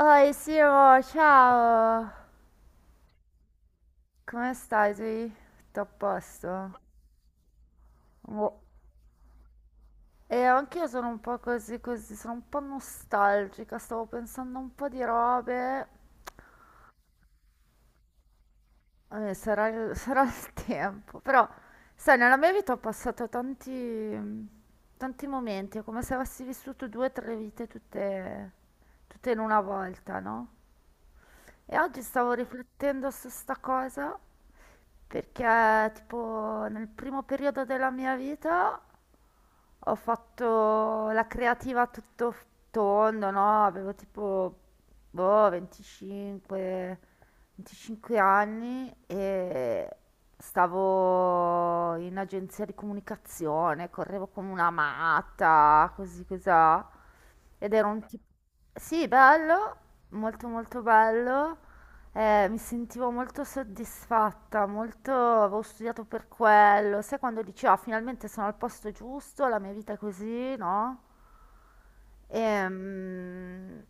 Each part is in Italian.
Oi Siro, ciao! Come stai? Sei tutto a posto? Oh. E anch'io sono un po' così così, sono un po' nostalgica, stavo pensando a un po' di robe. Sarà sarà il tempo, però sai, nella mia vita ho passato tanti momenti, è come se avessi vissuto due o tre vite tutte in una volta, no? E oggi stavo riflettendo su sta cosa perché tipo nel primo periodo della mia vita ho fatto la creativa a tondo, no? Avevo tipo boh, 25 anni e stavo in agenzia di comunicazione, correvo come una matta, così cosà. Ed era un tipo... Sì, bello, molto molto bello. Mi sentivo molto soddisfatta, molto... avevo studiato per quello. Sai quando dici, ah, finalmente sono al posto giusto, la mia vita è così, no? Ehm,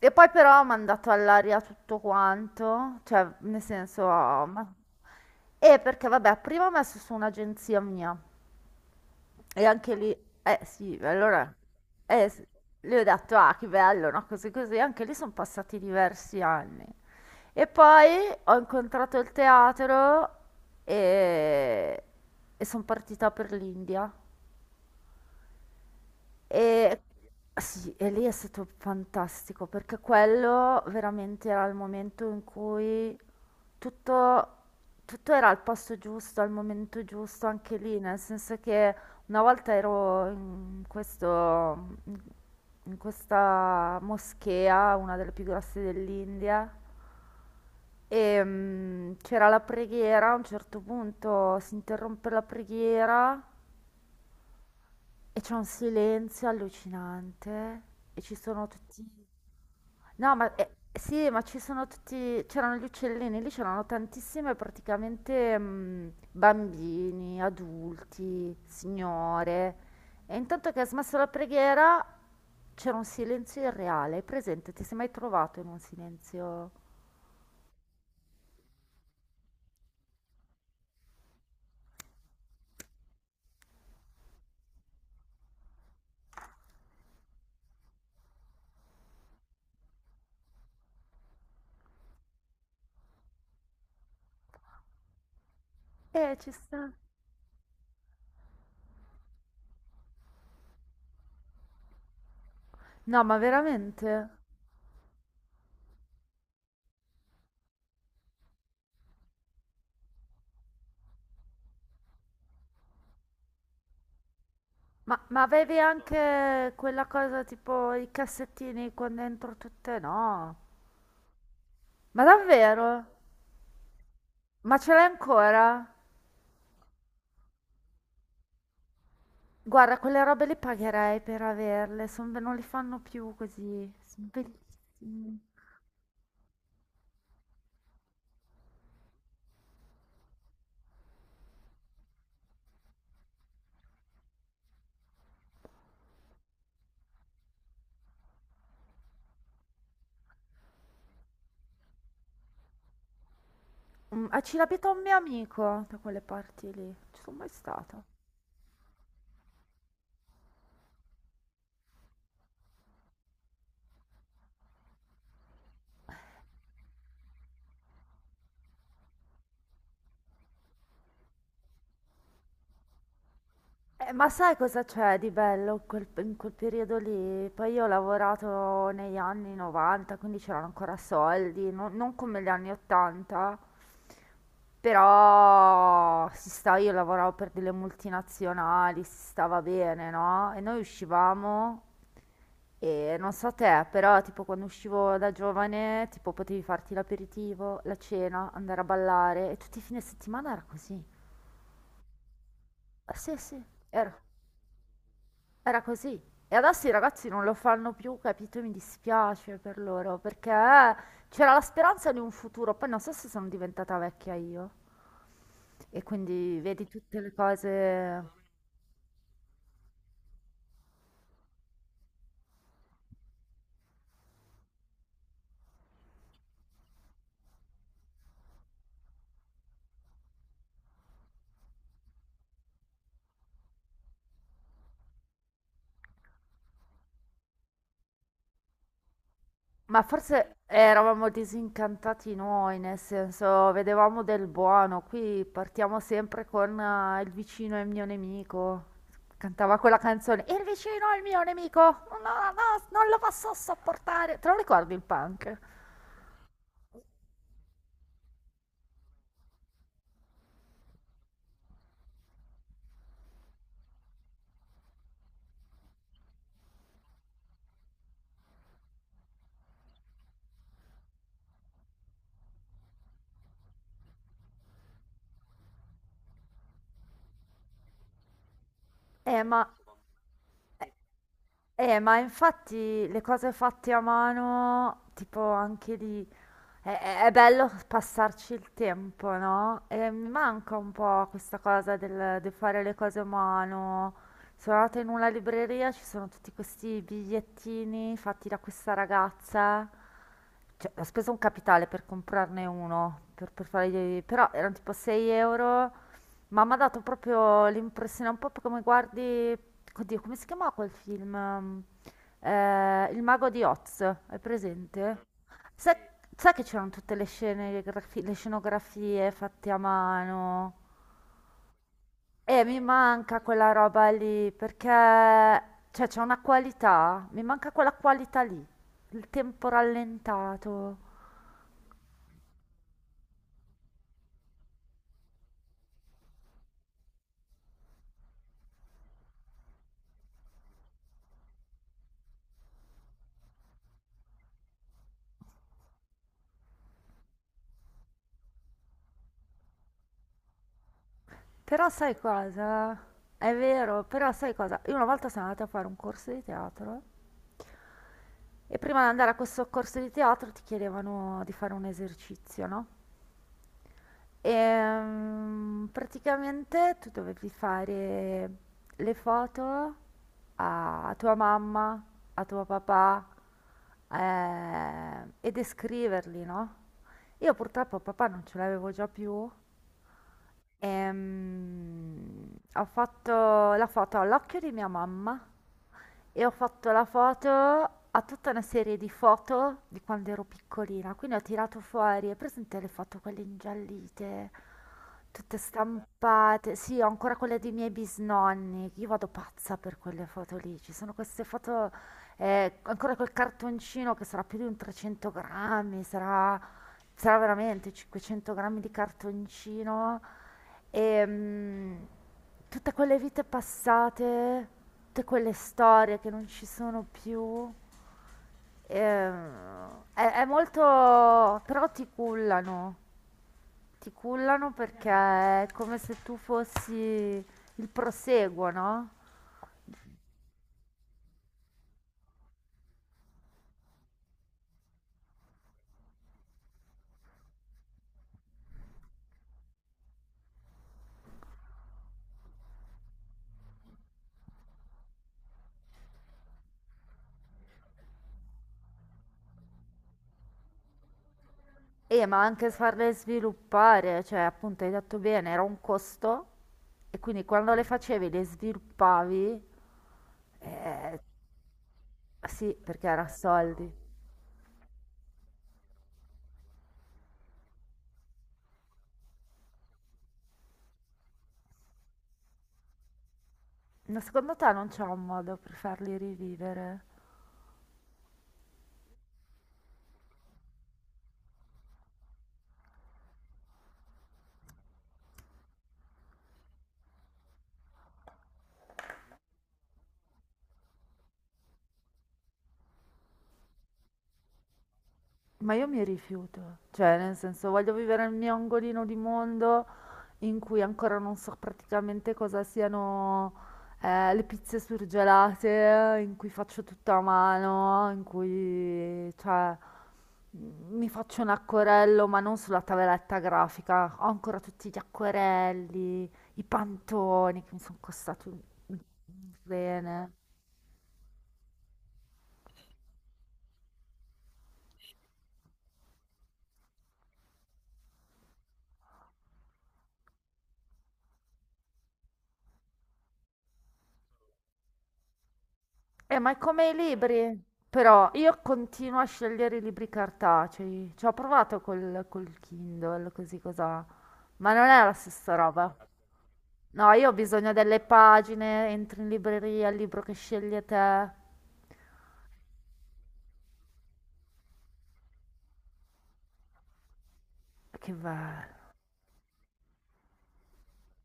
Poi però ho mandato all'aria tutto quanto, cioè, nel senso... E perché, vabbè, prima ho messo su un'agenzia mia. E anche lì, eh sì, allora, eh, s- le ho detto, ah, che bello, no? Così così, anche lì sono passati diversi anni. E poi ho incontrato il teatro e, e sono partita per l'India. E sì, e lì è stato fantastico perché quello veramente era il momento in cui tutto, tutto era al posto giusto, al momento giusto, anche lì, nel senso che una volta ero in in questa moschea, una delle più grosse dell'India, e c'era la preghiera, a un certo punto si interrompe la preghiera e c'è un silenzio allucinante e ci sono tutti... No, ma sì, ma ci sono tutti, c'erano gli uccellini, lì c'erano tantissime praticamente bambini, adulti, signore. E intanto che ha smesso la preghiera c'era un silenzio irreale, hai presente? Ti sei mai trovato in un silenzio? Ci sta. No, ma veramente? Ma avevi anche quella cosa tipo i cassettini con dentro tutte? No. Ma davvero? Ma ce l'hai ancora? Guarda, quelle robe le pagherei per averle, non le fanno più così. Son bellissime. Mm, a Cilapita ho un mio amico da quelle parti lì. Ci sono mai stata. Ma sai cosa c'è di bello in quel periodo lì? Poi io ho lavorato negli anni 90, quindi c'erano ancora soldi, non come gli anni 80, però si sta, io lavoravo per delle multinazionali, si stava bene, no? E noi uscivamo e non so te, però tipo quando uscivo da giovane, tipo potevi farti l'aperitivo, la cena, andare a ballare e tutti i fine settimana era così. Ah, sì, sì, era. Era così. E adesso i ragazzi non lo fanno più, capito? Mi dispiace per loro, perché c'era la speranza di un futuro, poi non so se sono diventata vecchia io. E quindi vedi tutte le cose... Ma forse eravamo disincantati noi, nel senso, vedevamo del buono. Qui partiamo sempre con il vicino è il mio nemico. Cantava quella canzone, il vicino è il mio nemico, no, no, no, non lo posso sopportare. Te lo ricordi il punk? Eh, ma, eh, ma infatti le cose fatte a mano, tipo anche lì, è bello passarci il tempo, no? E mi manca un po' questa cosa di fare le cose a mano. Sono andata in una libreria, ci sono tutti questi bigliettini fatti da questa ragazza. Cioè, ho speso un capitale per comprarne uno, per fare però erano tipo 6 euro. Ma mi ha dato proprio l'impressione, un po' come guardi, oddio, come si chiamava quel film? Il mago di Oz, è presente? Sai, sai che c'erano tutte le scene, le scenografie fatte a mano? E mi manca quella roba lì, perché cioè, c'è una qualità, mi manca quella qualità lì, il tempo rallentato. Però sai cosa? È vero, però sai cosa? Io una volta sono andata a fare un corso di teatro. E prima di andare a questo corso di teatro ti chiedevano di fare un esercizio, no? E praticamente tu dovevi fare le foto a tua mamma, a tuo papà e descriverli, no? Io purtroppo papà non ce l'avevo già più. Ehm, Ho fatto la foto all'occhio di mia mamma e ho fatto la foto a tutta una serie di foto di quando ero piccolina. Quindi ho tirato fuori, hai presente le foto quelle ingiallite, tutte stampate? Sì, ho ancora quelle dei miei bisnonni. Io vado pazza per quelle foto lì. Ci sono queste foto, ancora quel cartoncino che sarà più di un 300 grammi, sarà veramente 500 grammi di cartoncino. Ehm, Tutte quelle vite passate, tutte quelle storie che non ci sono più, è molto... però ti cullano perché è come se tu fossi il proseguo, no? E ma anche farle sviluppare, cioè appunto hai detto bene, era un costo e quindi quando le facevi, le sviluppavi, eh, sì, perché era soldi. Ma secondo te non c'è un modo per farli rivivere? Ma io mi rifiuto. Cioè, nel senso, voglio vivere nel mio angolino di mondo in cui ancora non so praticamente cosa siano le pizze surgelate, in cui faccio tutto a mano, in cui, cioè, mi faccio un acquerello, ma non sulla tavoletta grafica. Ho ancora tutti gli acquerelli, i pantoni che mi sono costati un rene. Ma è come i libri. Però io continuo a scegliere i libri cartacei. Ci ho provato col Kindle, così cosa. Ma non è la stessa roba. No, io ho bisogno delle pagine, entri in libreria, il libro che scegli te. Che bello.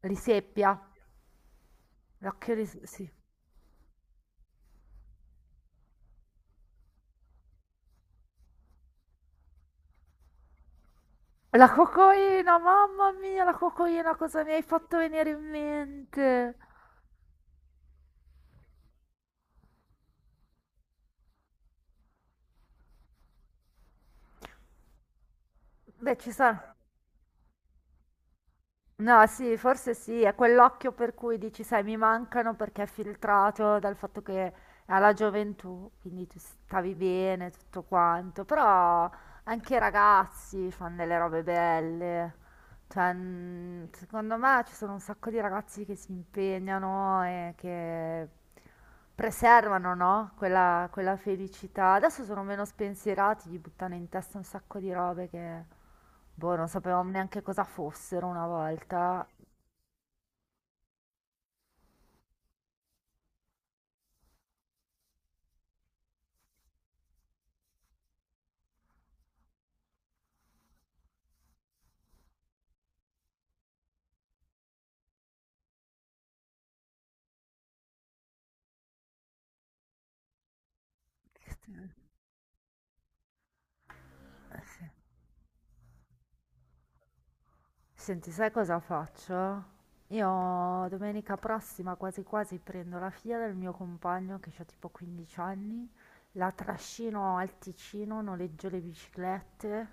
Riseppia. L'occhio sì. La cocoina, mamma mia, la cocoina, cosa mi hai fatto venire in mente? Beh, ci sono. No, sì, forse sì, è quell'occhio per cui dici, sai, mi mancano perché è filtrato dal fatto che alla gioventù, quindi tu stavi bene, tutto quanto, però anche i ragazzi fanno delle robe belle, cioè, secondo me ci sono un sacco di ragazzi che si impegnano e che preservano, no? Quella, quella felicità. Adesso sono meno spensierati, gli buttano in testa un sacco di robe che... Boh, non sapevamo neanche cosa fossero una volta. Sì. Senti, sai cosa faccio? Io domenica prossima quasi quasi prendo la figlia del mio compagno che ha tipo 15 anni, la trascino al Ticino, noleggio le biciclette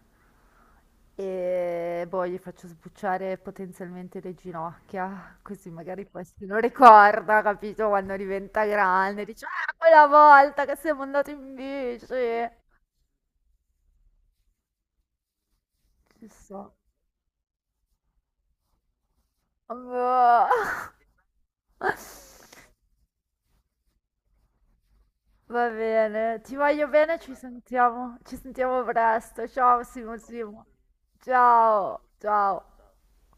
e boh, gli faccio sbucciare potenzialmente le ginocchia, così magari poi se lo ricorda, capito, quando diventa grande, dice, ah, quella volta che siamo andati in bici. Ci sto. Boh. Va bene, ti voglio bene, ci sentiamo. Ci sentiamo presto. Ciao Simo Simo. Ciao, ciao.